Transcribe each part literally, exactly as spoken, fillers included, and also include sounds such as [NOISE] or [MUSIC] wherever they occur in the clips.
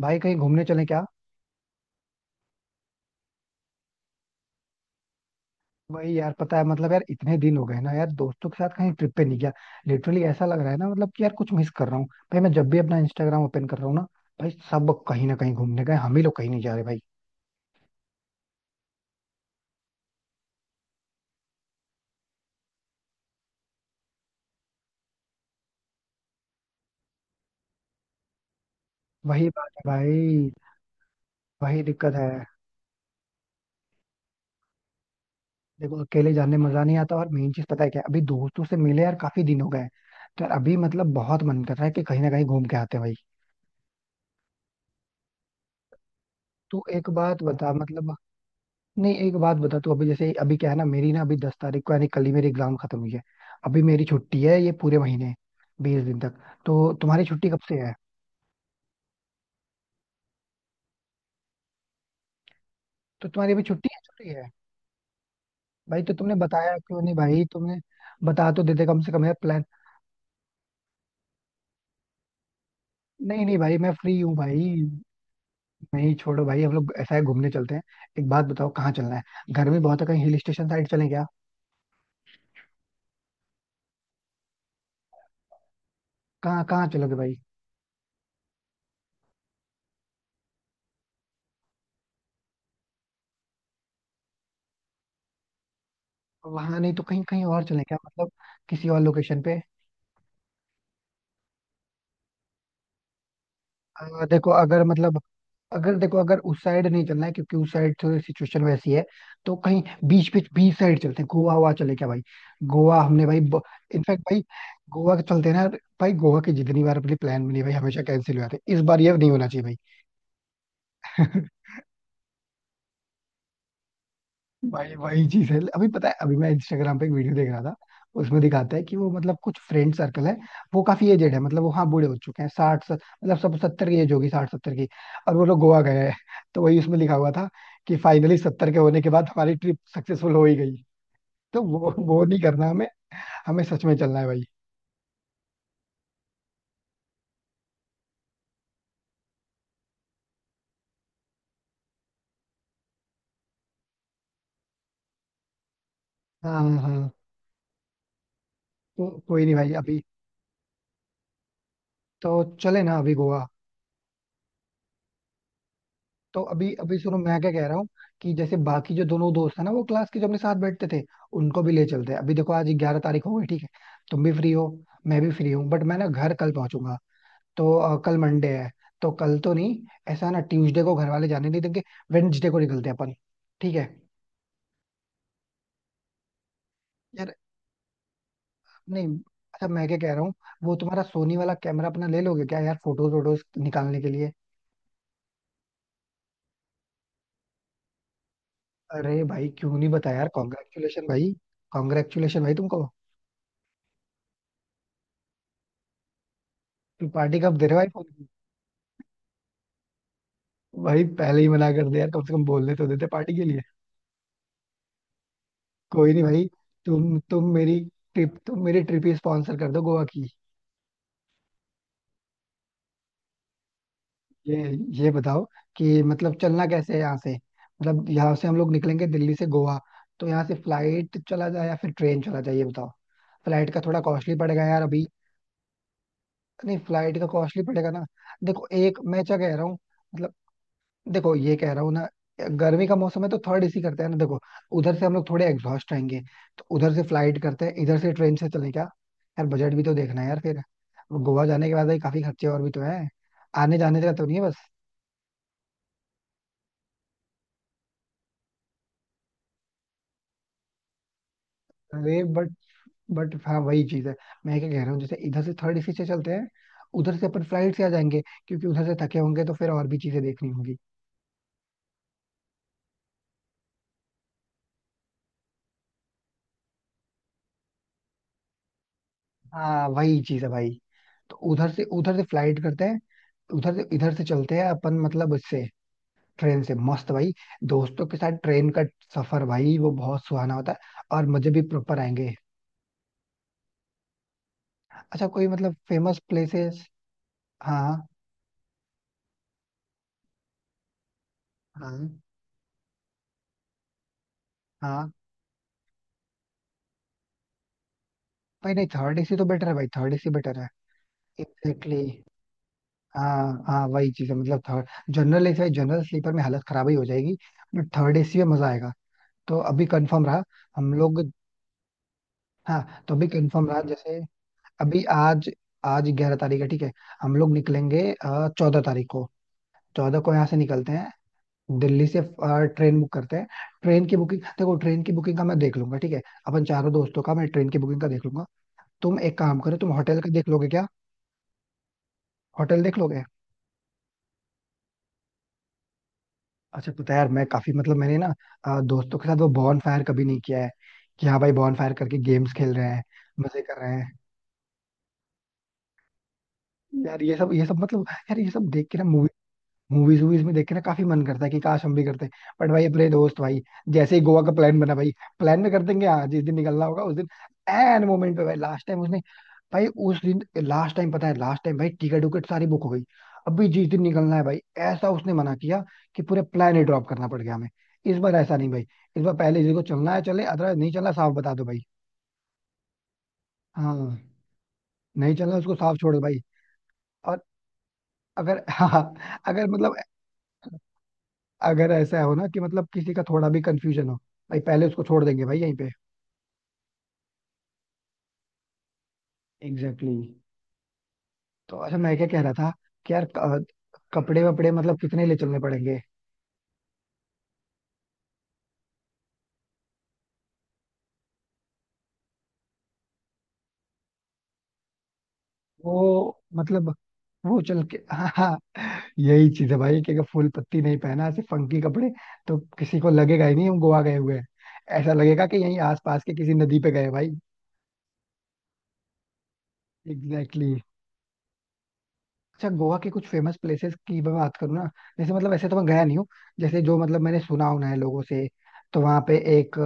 भाई कहीं घूमने चले क्या? वही यार पता है मतलब यार इतने दिन हो गए ना यार दोस्तों के साथ कहीं ट्रिप पे नहीं गया. लिटरली ऐसा लग रहा है ना मतलब कि यार कुछ मिस कर रहा हूँ. भाई मैं जब भी अपना इंस्टाग्राम ओपन कर रहा हूँ ना. भाई सब कहीं ना कहीं घूमने गए हम ही लोग कहीं नहीं जा रहे भाई. वही बात है भाई. वही दिक्कत है. देखो अकेले जाने में मजा नहीं आता और मेन चीज पता है क्या है? अभी दोस्तों से मिले यार काफी दिन हो गए. तो यार अभी मतलब बहुत मन कर रहा है कि कहीं ना कहीं घूम के आते हैं भाई. तो एक बात बता मतलब. नहीं एक बात बता तू अभी जैसे अभी क्या है ना मेरी ना अभी दस तारीख को यानी कल ही मेरी एग्जाम खत्म हुई है. अभी मेरी छुट्टी है ये पूरे महीने. बीस दिन तक. तो तुम्हारी छुट्टी कब से है? तो तुम्हारी अभी छुट्टी है छुट्टी है. भाई तो तुमने बताया क्यों नहीं भाई तुमने. बता तो देते कम से कम यार प्लान. नहीं नहीं भाई मैं फ्री हूँ भाई. नहीं छोड़ो भाई हम लोग ऐसा है घूमने चलते हैं. एक बात बताओ कहाँ चलना है? गर्मी बहुत है कहीं हिल स्टेशन साइड चलें क्या? कहाँ कहाँ चलोगे भाई? वहां नहीं तो कहीं कहीं और चलें क्या मतलब? किसी और लोकेशन पे. अ, देखो अगर मतलब. अगर देखो अगर उस साइड नहीं चलना है क्योंकि उस साइड थोड़ी सिचुएशन वैसी है. तो कहीं. बीच बीच बीच साइड चलते हैं गोवा हुआ चले क्या भाई? गोवा हमने भाई. इनफैक्ट भाई. गोवा के चलते हैं ना. भाई गोवा की जितनी बार अपनी प्लान बनी है भाई हमेशा कैंसिल हो जाते हैं इस बार ये नहीं होना चाहिए. भाई [LAUGHS] भाई वही चीज है अभी पता है अभी मैं इंस्टाग्राम पे एक वीडियो देख रहा था. उसमें दिखाता है कि वो मतलब कुछ फ्रेंड सर्कल है. वो काफी एजेड है मतलब वो हाँ बूढ़े हो चुके हैं साठ सत, मतलब सब सत्तर की एज होगी साठ सत्तर की. और वो लोग गोवा गए हैं [LAUGHS] तो वही उसमें लिखा हुआ था. कि फाइनली सत्तर के होने के बाद हमारी ट्रिप सक्सेसफुल हो ही गई. तो वो वो नहीं करना हमें. हमें सच में चलना है भाई. हाँ, हाँ, हाँ. तो कोई नहीं भाई अभी. तो चले ना अभी गोवा? तो अभी अभी सुनो मैं क्या कह रहा हूँ. कि जैसे बाकी जो दोनों दोस्त है ना वो क्लास के जो अपने साथ बैठते थे. उनको भी ले चलते हैं अभी देखो आज ग्यारह तारीख हो गई ठीक है. तुम भी फ्री हो. मैं भी फ्री हूँ बट मैं ना घर कल पहुंचूंगा. तो अ, कल मंडे है. तो कल तो नहीं. ऐसा ना ट्यूसडे को घर वाले जाने नहीं देंगे. वेडनेसडे को निकलते हैं अपन. ठीक है. यार. नहीं. अच्छा मैं क्या कह रहा हूँ. वो तुम्हारा सोनी वाला कैमरा अपना ले लोगे क्या यार फोटोज वोटोज निकालने के लिए? अरे भाई क्यों नहीं बताया यार कॉन्ग्रेचुलेशन भाई. कॉन्ग्रेचुलेशन भाई तुमको. तुम पार्टी कब दे रहे हो भाई? भाई पहले ही मना कर दिया कम से कम बोलने तो देते पार्टी के लिए. कोई नहीं भाई. तुम तुम मेरी. ट्रिप तुम मेरी ट्रिप ही स्पॉन्सर कर दो गोवा की. ये. ये बताओ. कि मतलब चलना कैसे है यहाँ से मतलब यहाँ से हम लोग निकलेंगे दिल्ली से गोवा. तो यहाँ से फ्लाइट चला जाए या फिर ट्रेन चला जाए ये बताओ. फ्लाइट का थोड़ा कॉस्टली पड़ेगा यार अभी. नहीं फ्लाइट का कॉस्टली पड़ेगा ना. देखो एक मैं क्या कह रहा हूँ. देखो ये कह रहा हूँ ना. गर्मी का मौसम है तो थर्ड एसी करते हैं ना देखो. उधर से हम लोग थोड़े एग्जॉस्ट आएंगे. तो उधर से फ्लाइट करते हैं इधर से ट्रेन से चले क्या? यार बजट भी तो देखना है यार फिर. गोवा जाने के बाद भाई काफी खर्चे और भी तो हैं. आने जाने का तो नहीं है बस. अरे बट. बट हाँ वही चीज है. मैं क्या कह रहा हूँ जैसे इधर से थर्ड एसी से चलते हैं. उधर से अपन फ्लाइट से आ जाएंगे. क्योंकि उधर से थके होंगे तो फिर और भी चीजें देखनी होंगी. हाँ वही चीज है भाई. तो उधर से उधर से फ्लाइट करते हैं. उधर से इधर से चलते हैं अपन मतलब उससे. ट्रेन से मस्त भाई. दोस्तों के साथ ट्रेन का. सफर भाई वो बहुत सुहाना होता है. और मजे भी प्रॉपर आएंगे. अच्छा कोई मतलब फेमस प्लेसेस. हाँ, हाँ, हाँ. भाई नहीं थर्ड एसी तो बेटर है भाई थर्ड एसी बेटर है. Exactly exactly. हाँ हाँ वही चीज है मतलब third. General AC general sleeper में हालत खराब ही हो जाएगी. बट थर्ड एसी में मजा आएगा. तो अभी कंफर्म रहा. हम लोग. हाँ तो अभी कंफर्म रहा जैसे. अभी आज. आज ग्यारह तारीख है ठीक है. हम लोग निकलेंगे चौदह तारीख को. चौदह को यहाँ से निकलते हैं. दिल्ली से आ, ट्रेन बुक करते हैं. ट्रेन की बुकिंग देखो ट्रेन की बुकिंग का मैं देख लूंगा ठीक है. अपन चारों दोस्तों का मैं ट्रेन की बुकिंग का देख लूंगा. तुम एक काम करो तुम होटल का देख लोगे क्या? होटल देख लोगे? अच्छा पता है यार मैं काफी मतलब मैंने ना. अ, दोस्तों के साथ वो बॉन फायर कभी नहीं किया है. कि हाँ भाई बॉन फायर करके गेम्स खेल रहे हैं. मजे कर रहे हैं. यार ये सब ये सब मतलब यार ये सब देख के ना मूवी. मूवीज वूवीज में देख के ना काफी मन करता है कि काश हम भी करते. बट भाई अपने दोस्त भाई. जैसे ही गोवा का प्लान बना भाई. प्लान में कर देंगे हाँ जिस दिन निकलना होगा उस दिन. एन मोमेंट पे भाई लास्ट टाइम उसने. भाई उस दिन लास्ट टाइम पता है लास्ट टाइम भाई टिकट विकेट सारी बुक हो गई. अभी जिस दिन निकलना है भाई. ऐसा उसने मना किया. कि पूरे प्लान ही ड्रॉप करना पड़ गया हमें. इस बार ऐसा नहीं भाई. इस बार पहले जिसको चलना है चले अदरवाइज नहीं चलना साफ बता दो भाई. हाँ. नहीं चलना उसको साफ छोड़ दो भाई. और. अगर [LAUGHS] हाँ. अगर मतलब. अगर ऐसा हो ना कि मतलब किसी का थोड़ा भी कंफ्यूजन हो. भाई पहले उसको छोड़ देंगे भाई यहीं पे. Exactly exactly. तो अच्छा मैं क्या कह रहा था. कि यार क- कपड़े वपड़े मतलब कितने ले चलने पड़ेंगे. वो मतलब. वो चल के हाँ हाँ. यही चीज है भाई कि अगर फूल पत्ती नहीं पहना ऐसे फंकी कपड़े. तो किसी को लगेगा ही नहीं हम गोवा गए हुए हैं. ऐसा लगेगा कि यहीं आसपास के किसी नदी पे गए भाई. एग्जैक्टली. अच्छा गोवा के कुछ फेमस प्लेसेस की मैं बात करूँ ना. जैसे मतलब ऐसे तो मैं गया नहीं हूँ. जैसे जो मतलब मैंने सुना होना है लोगों से. तो वहाँ पे एक.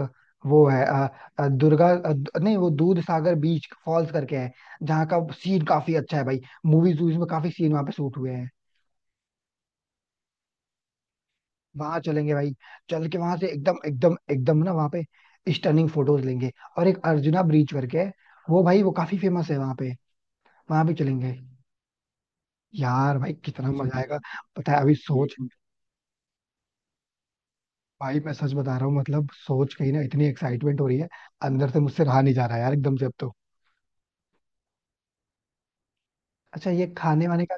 वो है अ, अ, दुर्गा अ, दु- नहीं वो दूध सागर बीच फॉल्स करके है. जहाँ का सीन काफी अच्छा है भाई. मूवीज वूवीज में काफी सीन वहाँ पे शूट हुए हैं. वहाँ चलेंगे भाई. चल के वहाँ से एकदम एकदम एकदम ना वहाँ पे. स्टनिंग फोटोज लेंगे. और एक अर्जुना ब्रिज करके है. वो भाई वो काफी फेमस है वहाँ पे. वहाँ भी चलेंगे. यार भाई कितना मजा आएगा. पता है अभी सोच. भाई मैं सच बता रहा हूँ मतलब सोच के ही ना इतनी एक्साइटमेंट हो रही है. अंदर से मुझसे रहा नहीं जा रहा है यार एकदम से अब तो. अच्छा ये खाने वाने का.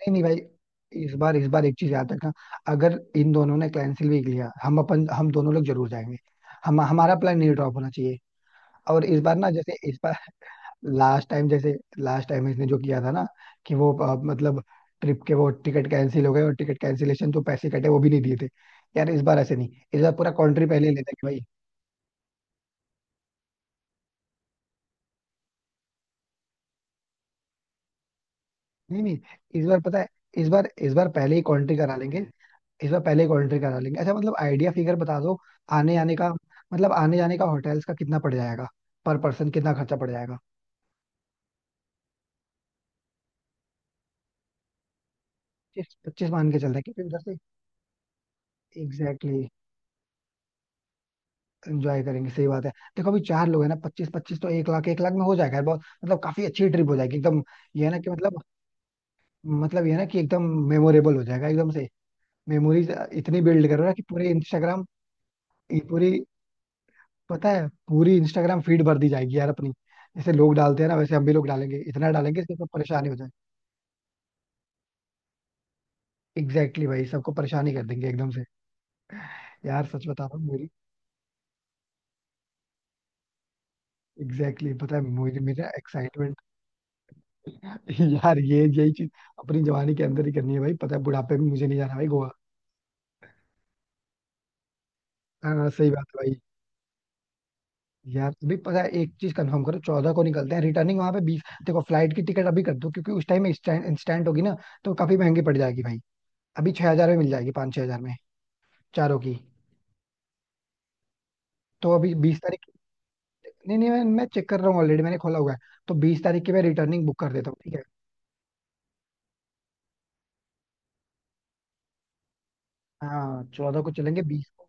नहीं नहीं भाई इस बार इस बार एक चीज याद रखना. अगर इन दोनों ने कैंसिल भी किया हम अपन हम दोनों लोग जरूर जाएंगे. हम हमारा प्लान नहीं ड्रॉप होना चाहिए. और इस बार ना जैसे इस बार. लास्ट टाइम जैसे लास्ट टाइम इसने जो किया था ना. कि वो अ, मतलब. ट्रिप के वो टिकट कैंसिल हो गए और टिकट कैंसिलेशन जो पैसे कटे वो भी नहीं दिए थे. यार इस बार ऐसे नहीं इस बार पूरा कंट्री पहले ले लेंगे. नहीं नहीं इस बार पता है. इस बार इस बार पहले ही कॉन्ट्री करा लेंगे. इस बार पहले ही कॉन्ट्री करा लेंगे अच्छा मतलब आइडिया फिगर बता दो. आने आने का. मतलब आने जाने का होटल्स का कितना पड़ जाएगा. पर पर्सन कितना खर्चा पड़ जाएगा? पच्चीस पच्चीस मान के चलते हैं क्योंकि उधर से. एग्जैक्टली. एंजॉय करेंगे सही बात है. देखो अभी चार लोग हैं ना पच्चीस पच्चीस तो एक लाख एक लाख में हो जाएगा बहुत मतलब काफी अच्छी ट्रिप हो जाएगी एकदम. ये है ना कि मतलब. मतलब ये है ना कि एकदम. मेमोरेबल हो जाएगा एकदम से. मेमोरीज. इतनी बिल्ड करो ना कि पूरे इंस्टाग्राम. पूरी पता है पूरी इंस्टाग्राम फीड भर दी जाएगी यार अपनी. जैसे लोग डालते हैं ना वैसे हम भी लोग डालेंगे इतना डालेंगे कि सब परेशानी हो जाए. एग्जैक्टली exactly भाई सबको परेशानी कर देंगे एकदम से. यार सच बता रहा हूँ मेरी. एग्जैक्टली exactly, पता है मुझे मेरा एक्साइटमेंट. [LAUGHS] यार ये यही चीज. अपनी जवानी के अंदर ही करनी है भाई पता है बुढ़ापे में मुझे नहीं जाना भाई गोवा. हाँ हाँ, सही बात है भाई. यार अभी पता है एक चीज कंफर्म करो चौदह को निकलते हैं रिटर्निंग वहां पे बीस देखो फ्लाइट की टिकट अभी कर दो क्योंकि उस टाइम में इंस्टेंट होगी ना. तो काफी महंगी पड़ जाएगी भाई. अभी छह हजार में मिल जाएगी पाँच छह हजार में. चारों की. तो अभी बीस. नहीं नहीं मैं मैं चेक कर रहा हूँ ऑलरेडी मैंने खोला हुआ है. तो बीस तारीख की मैं रिटर्निंग बुक कर देता हूँ ठीक है. हाँ चौदह को चलेंगे बीस को.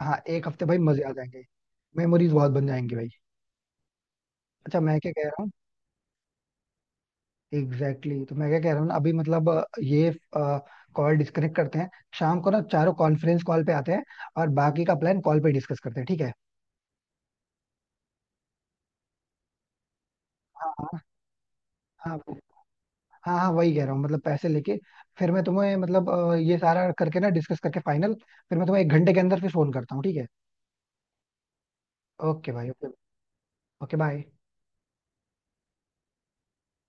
हाँ एक हफ्ते भाई मजे आ जाएंगे. मेमोरीज बहुत बन जाएंगी भाई. अच्छा मैं क्या कह रहा हूँ. Exactly exactly. तो मैं क्या कह रहा हूँ ना अभी मतलब अ, ये. कॉल डिस्कनेक्ट करते हैं. शाम को ना चारों कॉन्फ्रेंस कॉल पे आते हैं. और बाकी का प्लान कॉल पे डिस्कस करते हैं ठीक है. हाँ हाँ. हाँ वो- हाँ हाँ वही कह रहा हूँ मतलब पैसे लेके. फिर मैं तुम्हें मतलब अ, ये सारा करके ना डिस्कस करके फाइनल. फिर मैं तुम्हें एक घंटे के अंदर फिर फोन करता हूँ ठीक है. ओके भाई ओके. Okay bye.